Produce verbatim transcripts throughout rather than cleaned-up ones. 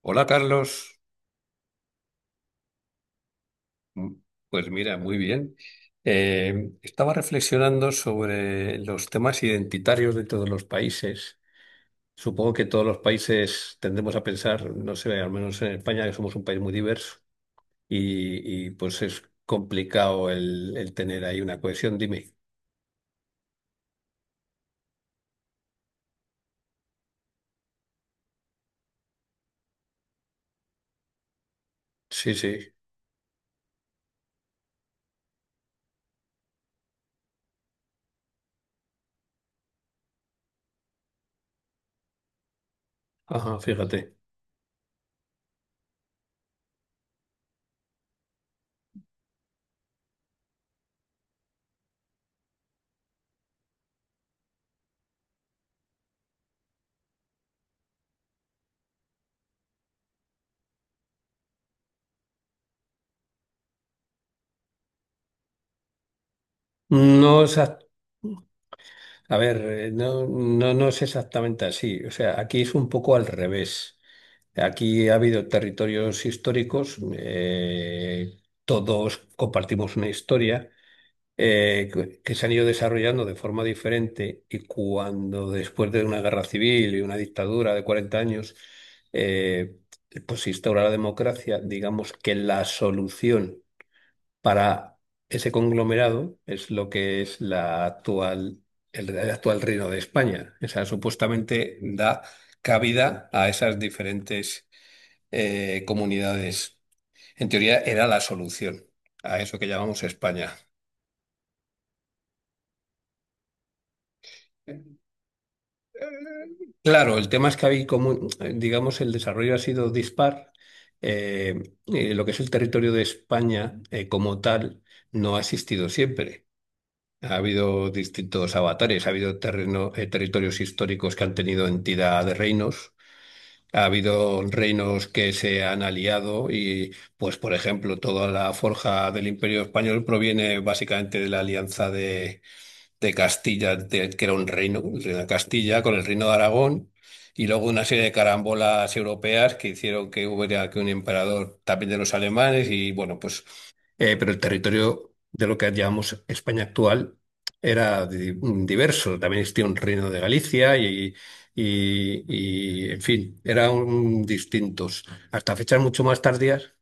Hola Carlos. Mm, pues mira, muy bien. Eh, estaba reflexionando sobre los temas identitarios de todos los países. Supongo que todos los países tendemos a pensar, no sé, al menos en España, que somos un país muy diverso y, y, pues es complicado el, el tener ahí una cohesión, dime. Sí, sí, ajá, fíjate. No es A ver, eh, no, no, no es exactamente así. O sea, aquí es un poco al revés. Aquí ha habido territorios históricos, eh, todos compartimos una historia, eh, que que se han ido desarrollando de forma diferente y cuando después de una guerra civil y una dictadura de cuarenta años, eh, pues se instaura la democracia, digamos que la solución para ese conglomerado es lo que es la actual, el, el actual Reino de España. O sea, supuestamente da cabida a esas diferentes eh, comunidades. En teoría era la solución a eso que llamamos España. Claro, el tema es que hay como, digamos, el desarrollo ha sido dispar. Eh, eh, lo que es el territorio de España eh, como tal no ha existido siempre. Ha habido distintos avatares, ha habido terreno- eh, territorios históricos que han tenido entidad de reinos, ha habido reinos que se han aliado y, pues, por ejemplo, toda la forja del Imperio Español proviene básicamente de la alianza de, de Castilla, de- que era un reino, el reino de Castilla, con el reino de Aragón, y luego una serie de carambolas europeas que hicieron que hubiera que un emperador también de los alemanes y, bueno, pues. Eh, pero el territorio de lo que llamamos España actual era di- mm, diverso. También existía un reino de Galicia y, y- y, en fin, eran distintos. Hasta fechas mucho más tardías,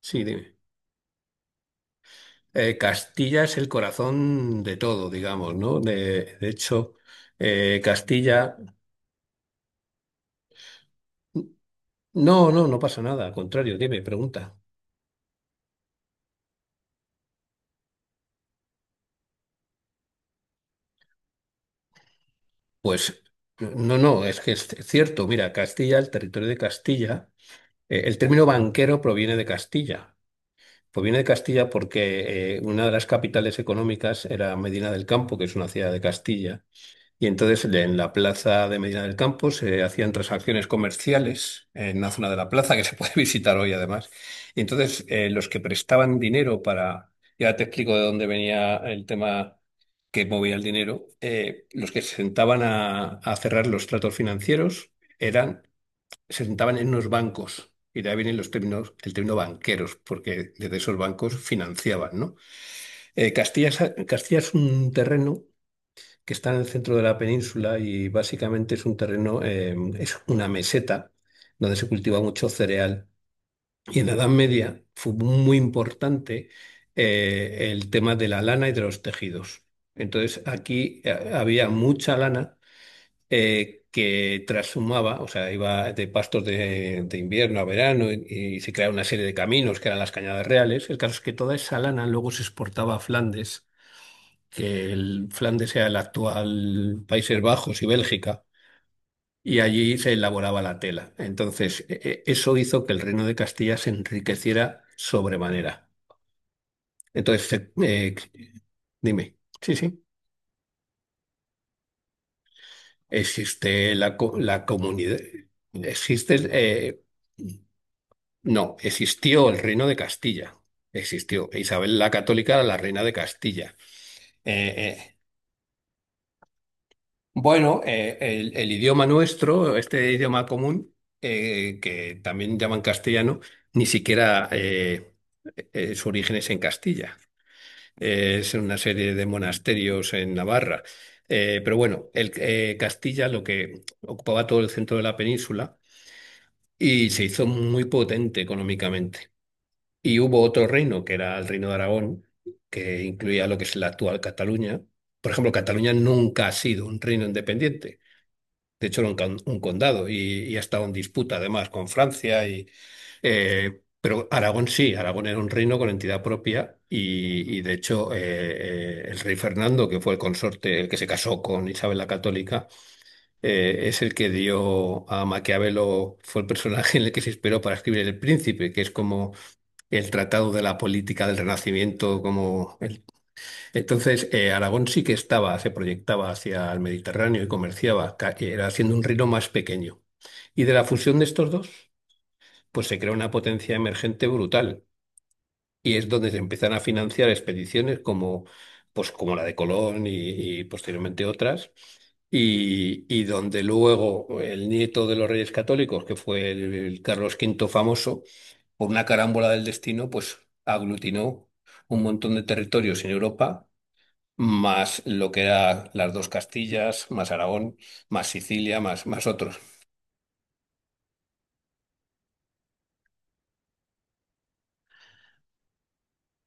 sí, dime. Eh, Castilla es el corazón de todo, digamos, ¿no? De, de hecho, eh, Castilla... No, no, no pasa nada. Al contrario, dime, pregunta. Pues no, no, es que es cierto. Mira, Castilla, el territorio de Castilla, eh, el término banquero proviene de Castilla. Pues viene de Castilla porque eh, una de las capitales económicas era Medina del Campo, que es una ciudad de Castilla. Y entonces en la plaza de Medina del Campo se hacían transacciones comerciales en la zona de la plaza, que se puede visitar hoy además. Y entonces eh, los que prestaban dinero para... Ya te explico de dónde venía el tema que movía el dinero. Eh, los que se sentaban a, a cerrar los tratos financieros eran se sentaban en unos bancos. Y de ahí vienen los términos, el término banqueros, porque desde esos bancos financiaban, ¿no? Eh, Castilla, es- Castilla es un terreno que está en el centro de la península y básicamente es un terreno, eh, es una meseta donde se cultiva mucho cereal. Y en la Edad Media fue muy importante eh, el tema de la lana y de los tejidos. Entonces aquí eh, había mucha lana eh, que trashumaba, o sea, iba de pastos de, de invierno a verano y, y se crearon una serie de caminos que eran las cañadas reales. El caso es que toda esa lana luego se exportaba a Flandes, que el Flandes sea el actual Países Bajos y Bélgica, y allí se elaboraba la tela. Entonces, e- e- eso hizo que el reino de Castilla se enriqueciera sobremanera. Entonces, se- eh, dime, sí, sí, existe la, co- la comunidad, existe... eh, no, existió el reino de Castilla. Existió. Isabel la Católica era la reina de Castilla. Eh, eh, bueno, eh, el, el idioma nuestro, este idioma común, eh, que también llaman castellano, ni siquiera eh, eh, su origen es en Castilla. Eh, es en una serie de monasterios en Navarra. Eh, pero bueno, el, eh, Castilla lo que ocupaba todo el centro de la península y se hizo muy potente económicamente. Y hubo otro reino, que era el reino de Aragón, que incluía lo que es la actual Cataluña. Por ejemplo, Cataluña nunca ha sido un reino independiente. De hecho, era un, con- un condado y, y ha estado en disputa además con Francia. Y, eh, pero Aragón sí, Aragón era un reino con entidad propia y, y, de hecho eh, eh, el rey Fernando, que fue el consorte, el que se casó con Isabel la Católica, eh, es el que dio a Maquiavelo, fue el personaje en el que se inspiró para escribir El Príncipe, que es como el Tratado de la Política del Renacimiento como el- Entonces, eh, Aragón sí que estaba, se proyectaba hacia el Mediterráneo y comerciaba, ca- era haciendo un reino más pequeño. Y de la fusión de estos dos, pues se crea una potencia emergente brutal. Y es donde se empiezan a financiar expediciones como, pues, como la de Colón y, y posteriormente otras. Y, y donde luego el nieto de los reyes católicos, que fue el el Carlos Quinto famoso, por una carámbola del destino, pues aglutinó un montón de territorios en Europa, más lo que eran las dos Castillas, más Aragón, más Sicilia, más, más otros.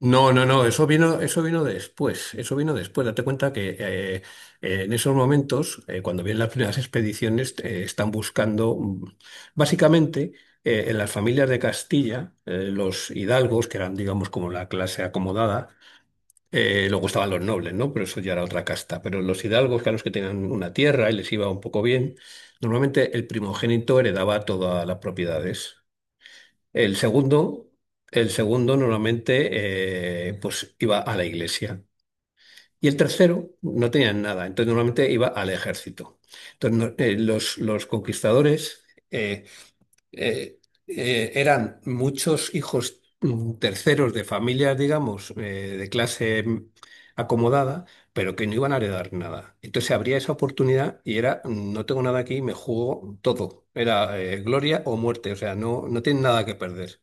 No, no, no, eso vino, eso vino después, eso vino después. Date cuenta que eh, eh, en esos momentos, eh, cuando vienen las primeras expediciones, eh, están buscando, mm, básicamente, eh, en las familias de Castilla, eh, los hidalgos, que eran, digamos, como la clase acomodada. Eh, luego estaban los nobles, ¿no? Pero eso ya era otra casta. Pero los hidalgos, que eran los que tenían una tierra y les iba un poco bien, normalmente el primogénito heredaba todas las propiedades. El segundo, el segundo normalmente eh, pues iba a la iglesia. Y el tercero no tenía nada, entonces normalmente iba al ejército. Entonces no- eh, los, los conquistadores, eh, eh, eh, eran muchos hijos mm, terceros de familias, digamos, eh, de clase mm, acomodada, pero que no iban a heredar nada. Entonces habría esa oportunidad y era, mm, no tengo nada aquí, me juego todo. Era eh, gloria o muerte, o sea, no, no tienen nada que perder.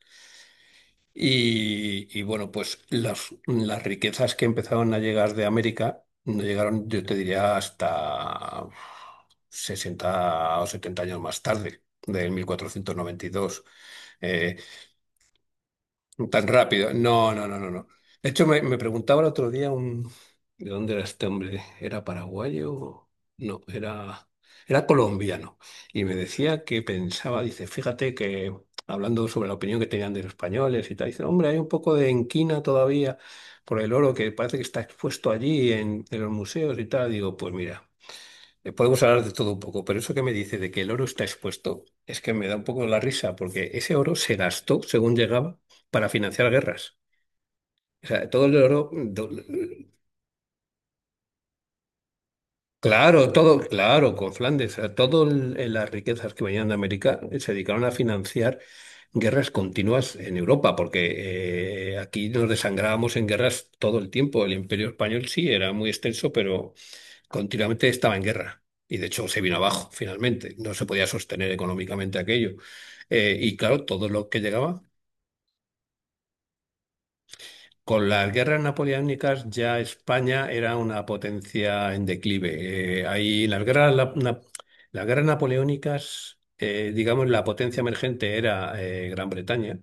Y, y bueno, pues las, las riquezas que empezaron a llegar de América no llegaron, yo te diría, hasta sesenta o setenta años más tarde, del mil cuatrocientos noventa y dos eh, tan rápido. No, no, no, no, no. De hecho, me, me preguntaba el otro día un, ¿de dónde era este hombre? ¿Era paraguayo? No, era, era colombiano. Y me decía que pensaba, dice, fíjate que hablando sobre la opinión que tenían de los españoles y tal, dice, hombre, hay un poco de enquina todavía por el oro que parece que está expuesto allí en, en los museos y tal. Digo, pues mira. Eh, Podemos hablar de todo un poco, pero eso que me dice de que el oro está expuesto es que me da un poco la risa, porque ese oro se gastó según llegaba para financiar guerras. O sea, todo el oro, do- claro, todo, claro, con Flandes, todas las riquezas que venían de América eh, se dedicaron a financiar guerras continuas en Europa, porque eh, aquí nos desangrábamos en guerras todo el tiempo. El Imperio Español sí era muy extenso, pero continuamente estaba en guerra y de hecho se vino abajo finalmente. No se podía sostener económicamente aquello. Eh, y claro, todo lo que llegaba. Con las guerras napoleónicas ya España era una potencia en declive. Eh, ahí las guerras, la- na- las guerras napoleónicas, eh, digamos, la potencia emergente era eh, Gran Bretaña.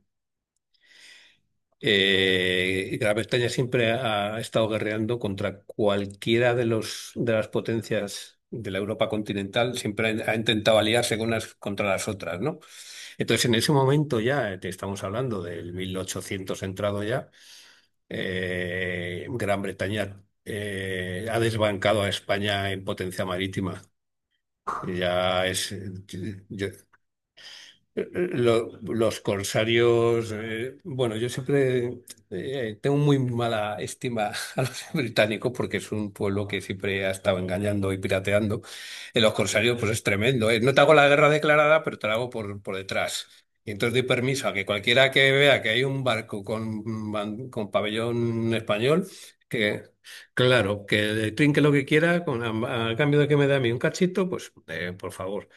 Eh, y Gran Bretaña siempre ha, estado guerreando contra cualquiera de los de las potencias de la Europa continental, siempre ha, ha intentado aliarse con unas contra las otras, ¿no? Entonces, en ese momento ya, eh, te estamos hablando del mil ochocientos entrado ya, eh, Gran Bretaña eh, ha desbancado a España en potencia marítima. Ya es, yo- eh, eh, Lo- los corsarios, eh, bueno, yo siempre eh, tengo muy mala estima a los británicos porque es un pueblo que siempre ha estado engañando y pirateando. En los corsarios, pues es tremendo, ¿eh? No te hago la guerra declarada, pero te la hago por, por detrás. Y entonces doy permiso a que cualquiera que vea que hay un barco con, ban- con pabellón español, que claro, que le trinque lo que quiera, con, a, a cambio de que me dé a mí un cachito, pues eh, por favor.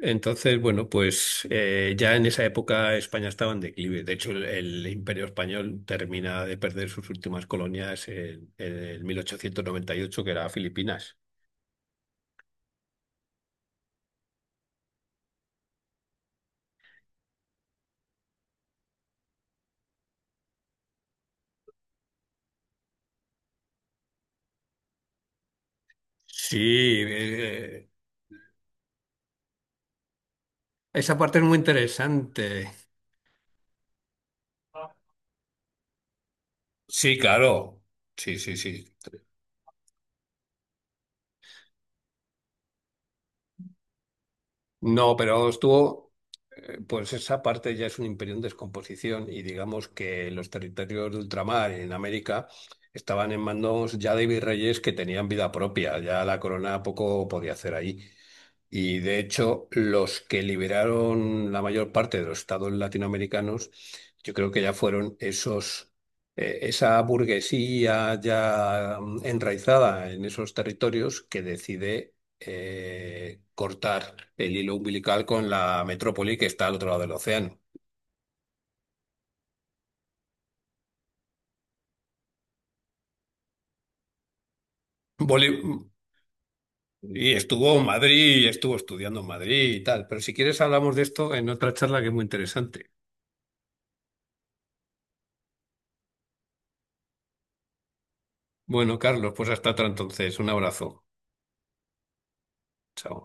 Entonces, bueno, pues eh, ya en esa época España estaba en declive. De hecho, el, el Imperio Español termina de perder sus últimas colonias en, en el mil ochocientos noventa y ocho, que era Filipinas. Sí, eh, esa parte es muy interesante. Sí, claro. Sí, sí, sí. No, pero estuvo. Eh, Pues esa parte ya es un imperio en descomposición y digamos que los territorios de ultramar en América estaban en manos ya de virreyes que tenían vida propia, ya la corona poco podía hacer ahí. Y de hecho, los que liberaron la mayor parte de los estados latinoamericanos, yo creo que ya fueron esos, eh, esa burguesía ya mm, enraizada en esos territorios que decide eh, cortar el hilo umbilical con la metrópoli que está al otro lado del océano. Boli- y estuvo en Madrid, y estuvo estudiando en Madrid y tal, pero si quieres hablamos de esto en otra charla que es muy interesante. Bueno, Carlos, pues hasta otra entonces. Un abrazo. Chao.